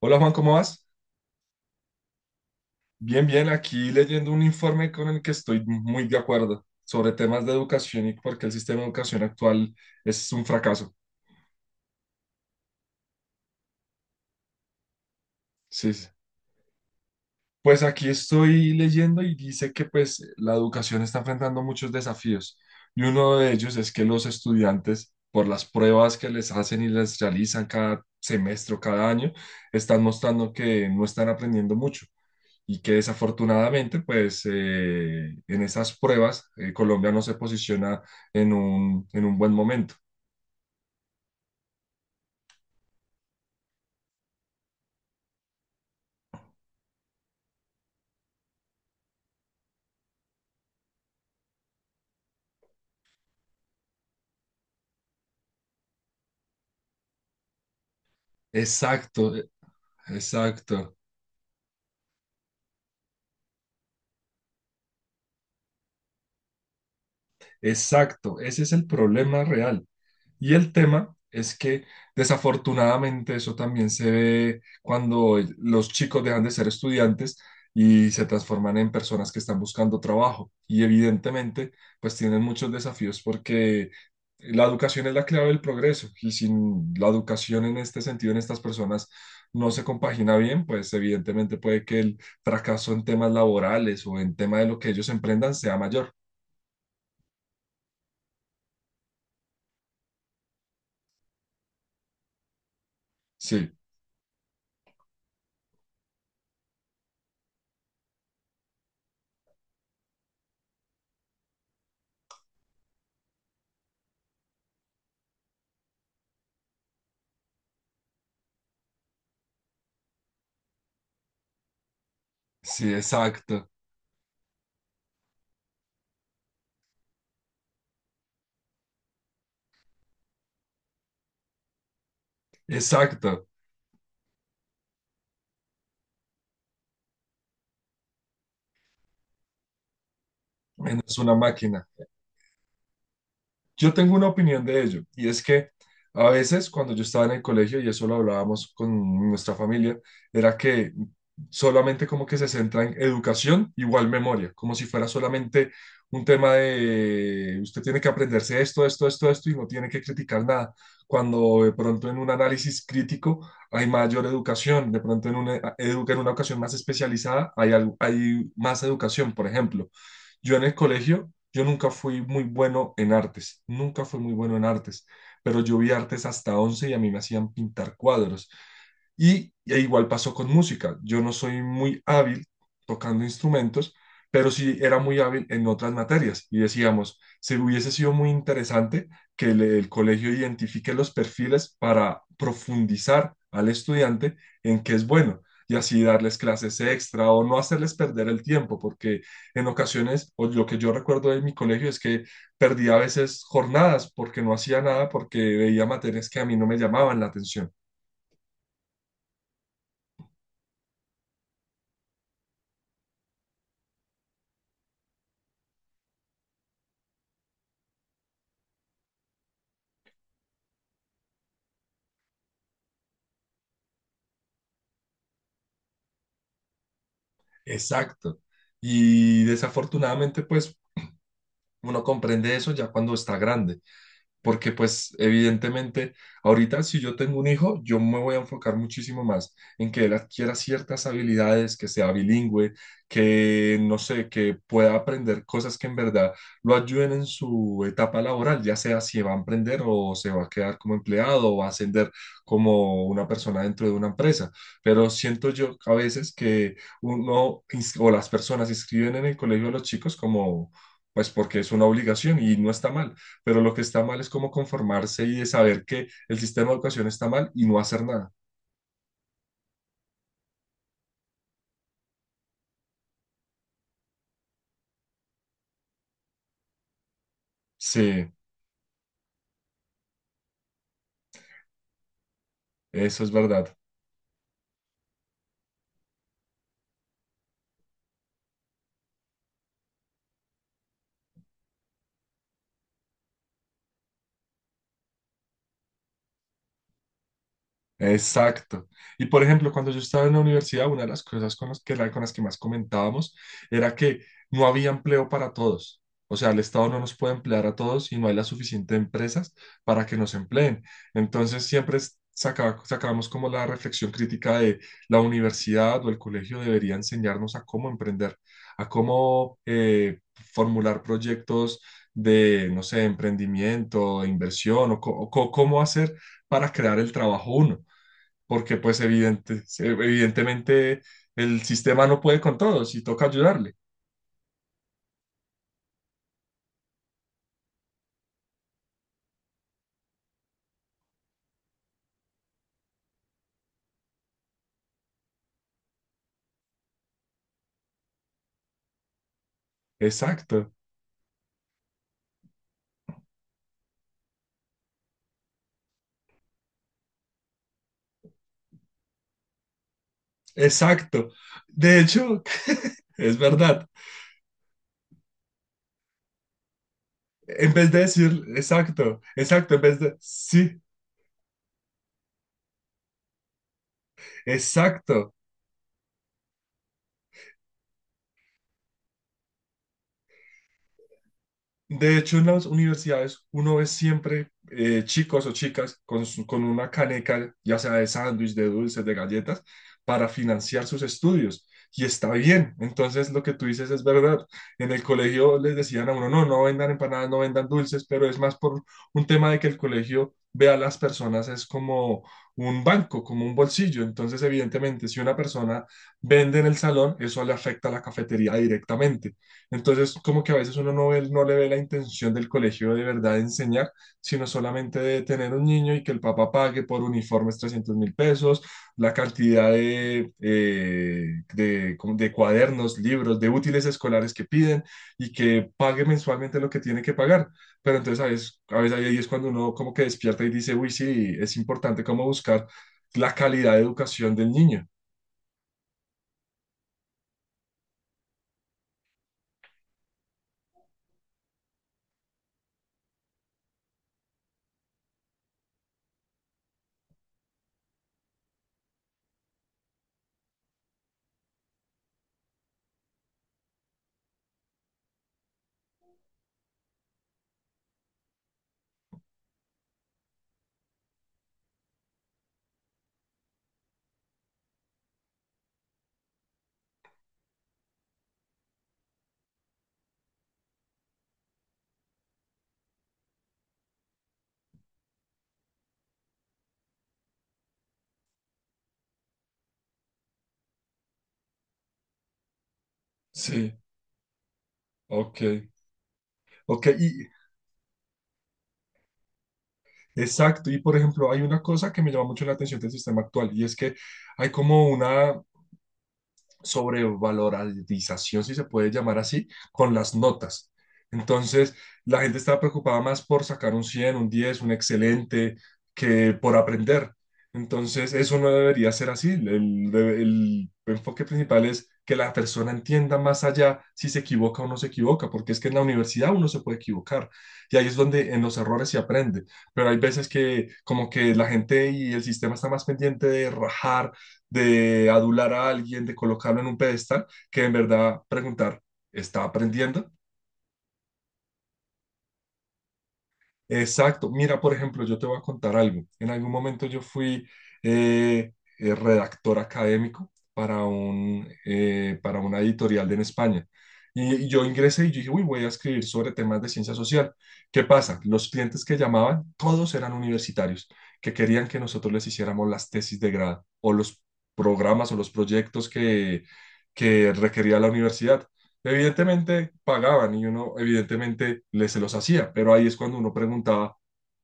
Hola, Juan, ¿cómo vas? Bien, bien, aquí leyendo un informe con el que estoy muy de acuerdo sobre temas de educación y por qué el sistema de educación actual es un fracaso. Sí, sí. Pues aquí estoy leyendo y dice que pues la educación está enfrentando muchos desafíos y uno de ellos es que los estudiantes, por las pruebas que les hacen y les realizan cada semestre o cada año, están mostrando que no están aprendiendo mucho. Y que desafortunadamente, pues en esas pruebas, Colombia no se posiciona en un buen momento. Exacto, exacto, exacto. Ese es el problema real. Y el tema es que desafortunadamente eso también se ve cuando los chicos dejan de ser estudiantes y se transforman en personas que están buscando trabajo. Y evidentemente, pues tienen muchos desafíos porque la educación es la clave del progreso y sin la educación en este sentido, en estas personas, no se compagina bien, pues evidentemente puede que el fracaso en temas laborales o en tema de lo que ellos emprendan sea mayor. Sí, sí, exacto, exacto. Es una máquina. Yo tengo una opinión de ello y es que a veces cuando yo estaba en el colegio, y eso lo hablábamos con nuestra familia, era que solamente como que se centra en educación igual memoria, como si fuera solamente un tema de usted tiene que aprenderse esto, esto, esto, esto y no tiene que criticar nada. Cuando de pronto en un análisis crítico hay mayor educación, de pronto en una ocasión más especializada hay más educación, por ejemplo. Yo en el colegio yo nunca fui muy bueno en artes, nunca fui muy bueno en artes, pero yo vi artes hasta 11 y a mí me hacían pintar cuadros. Y igual pasó con música. Yo no soy muy hábil tocando instrumentos, pero sí era muy hábil en otras materias. Y decíamos, se hubiese sido muy interesante que el colegio identifique los perfiles para profundizar al estudiante en qué es bueno y así darles clases extra o no hacerles perder el tiempo, porque en ocasiones, o lo que yo recuerdo de mi colegio es que perdía a veces jornadas porque no hacía nada, porque veía materias que a mí no me llamaban la atención. Exacto. Y desafortunadamente, pues uno comprende eso ya cuando está grande. Porque pues evidentemente ahorita si yo tengo un hijo, yo me voy a enfocar muchísimo más en que él adquiera ciertas habilidades, que sea bilingüe, que no sé, que pueda aprender cosas que en verdad lo ayuden en su etapa laboral, ya sea si va a emprender o se va a quedar como empleado o va a ascender como una persona dentro de una empresa. Pero siento yo a veces que uno ins- o las personas inscriben en el colegio a los chicos como pues porque es una obligación y no está mal, pero lo que está mal es cómo conformarse y de saber que el sistema de educación está mal y no hacer nada. Sí, eso es verdad. Exacto. Y por ejemplo, cuando yo estaba en la universidad, una de las cosas con las que, con las que más comentábamos era que no había empleo para todos. O sea, el Estado no nos puede emplear a todos y no hay las suficientes empresas para que nos empleen. Entonces, siempre sacábamos como la reflexión crítica de la universidad o el colegio debería enseñarnos a cómo emprender, a cómo formular proyectos de, no sé, emprendimiento, inversión o cómo hacer para crear el trabajo uno, porque pues evidentemente el sistema no puede con todos y toca ayudarle. Exacto, exacto. De hecho, es verdad. En vez de decir, exacto, exacto, en vez de, sí, exacto. De hecho, en las universidades uno ve siempre chicos o chicas con una caneca, ya sea de sándwich, de dulces, de galletas, para financiar sus estudios. Y está bien. Entonces, lo que tú dices es verdad. En el colegio les decían a uno, no, no vendan empanadas, no vendan dulces, pero es más por un tema de que el colegio ve a las personas es como un banco, como un bolsillo. Entonces, evidentemente, si una persona vende en el salón, eso le afecta a la cafetería directamente. Entonces, como que a veces uno no le ve la intención del colegio de verdad de enseñar, sino solamente de tener un niño y que el papá pague por uniformes 300.000 pesos, la cantidad de, como de cuadernos, libros, de útiles escolares que piden y que pague mensualmente lo que tiene que pagar. Pero entonces a veces ahí es cuando uno como que despierta y dice, uy, sí, es importante como buscar la calidad de educación del niño. Sí, ok. Ok, y exacto, y por ejemplo, hay una cosa que me llama mucho la atención del sistema actual y es que hay como una sobrevalorización, si se puede llamar así, con las notas. Entonces, la gente estaba preocupada más por sacar un cien, un diez, un excelente, que por aprender. Entonces, eso no debería ser así. El enfoque principal es que la persona entienda más allá si se equivoca o no se equivoca, porque es que en la universidad uno se puede equivocar y ahí es donde en los errores se aprende, pero hay veces que como que la gente y el sistema está más pendiente de rajar, de adular a alguien, de colocarlo en un pedestal, que en verdad preguntar, ¿está aprendiendo? Exacto. Mira, por ejemplo, yo te voy a contar algo. En algún momento yo fui eh, redactor académico para una editorial en España. Y yo ingresé y yo dije, uy, voy a escribir sobre temas de ciencia social. ¿Qué pasa? Los clientes que llamaban, todos eran universitarios, que querían que nosotros les hiciéramos las tesis de grado o los programas o los proyectos que requería la universidad. Evidentemente pagaban y uno evidentemente les se los hacía, pero ahí es cuando uno preguntaba,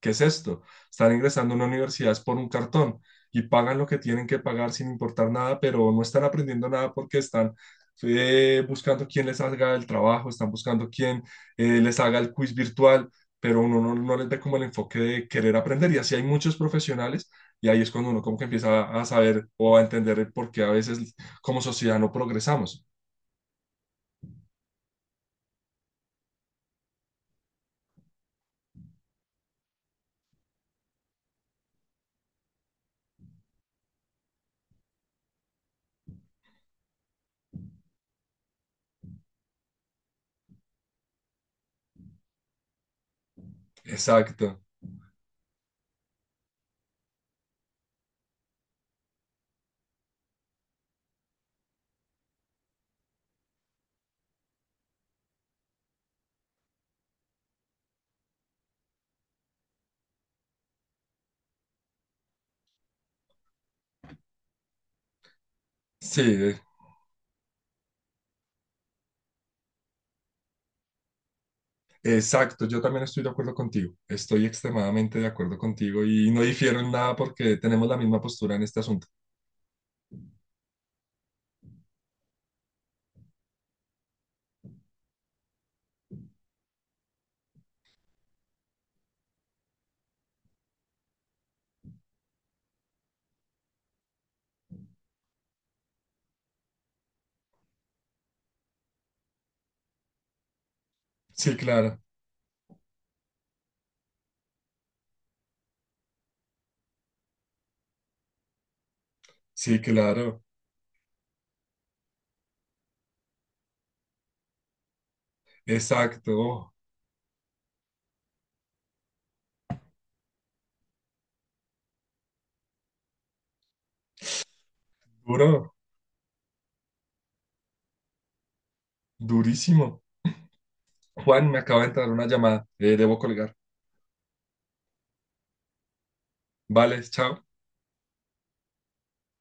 ¿qué es esto? Están ingresando a una universidad es por un cartón y pagan lo que tienen que pagar sin importar nada, pero no están aprendiendo nada porque están buscando quién les haga el trabajo, están buscando quién les haga el quiz virtual, pero uno no les ve como el enfoque de querer aprender y así hay muchos profesionales y ahí es cuando uno como que empieza a saber o a entender el por qué a veces como sociedad no progresamos. Exacto. Sí, exacto, yo también estoy de acuerdo contigo, estoy extremadamente de acuerdo contigo y no difiero en nada porque tenemos la misma postura en este asunto. Sí, claro, sí, claro, exacto, oh, duro, durísimo. Juan, me acaba de entrar una llamada, debo colgar. Vale, chao.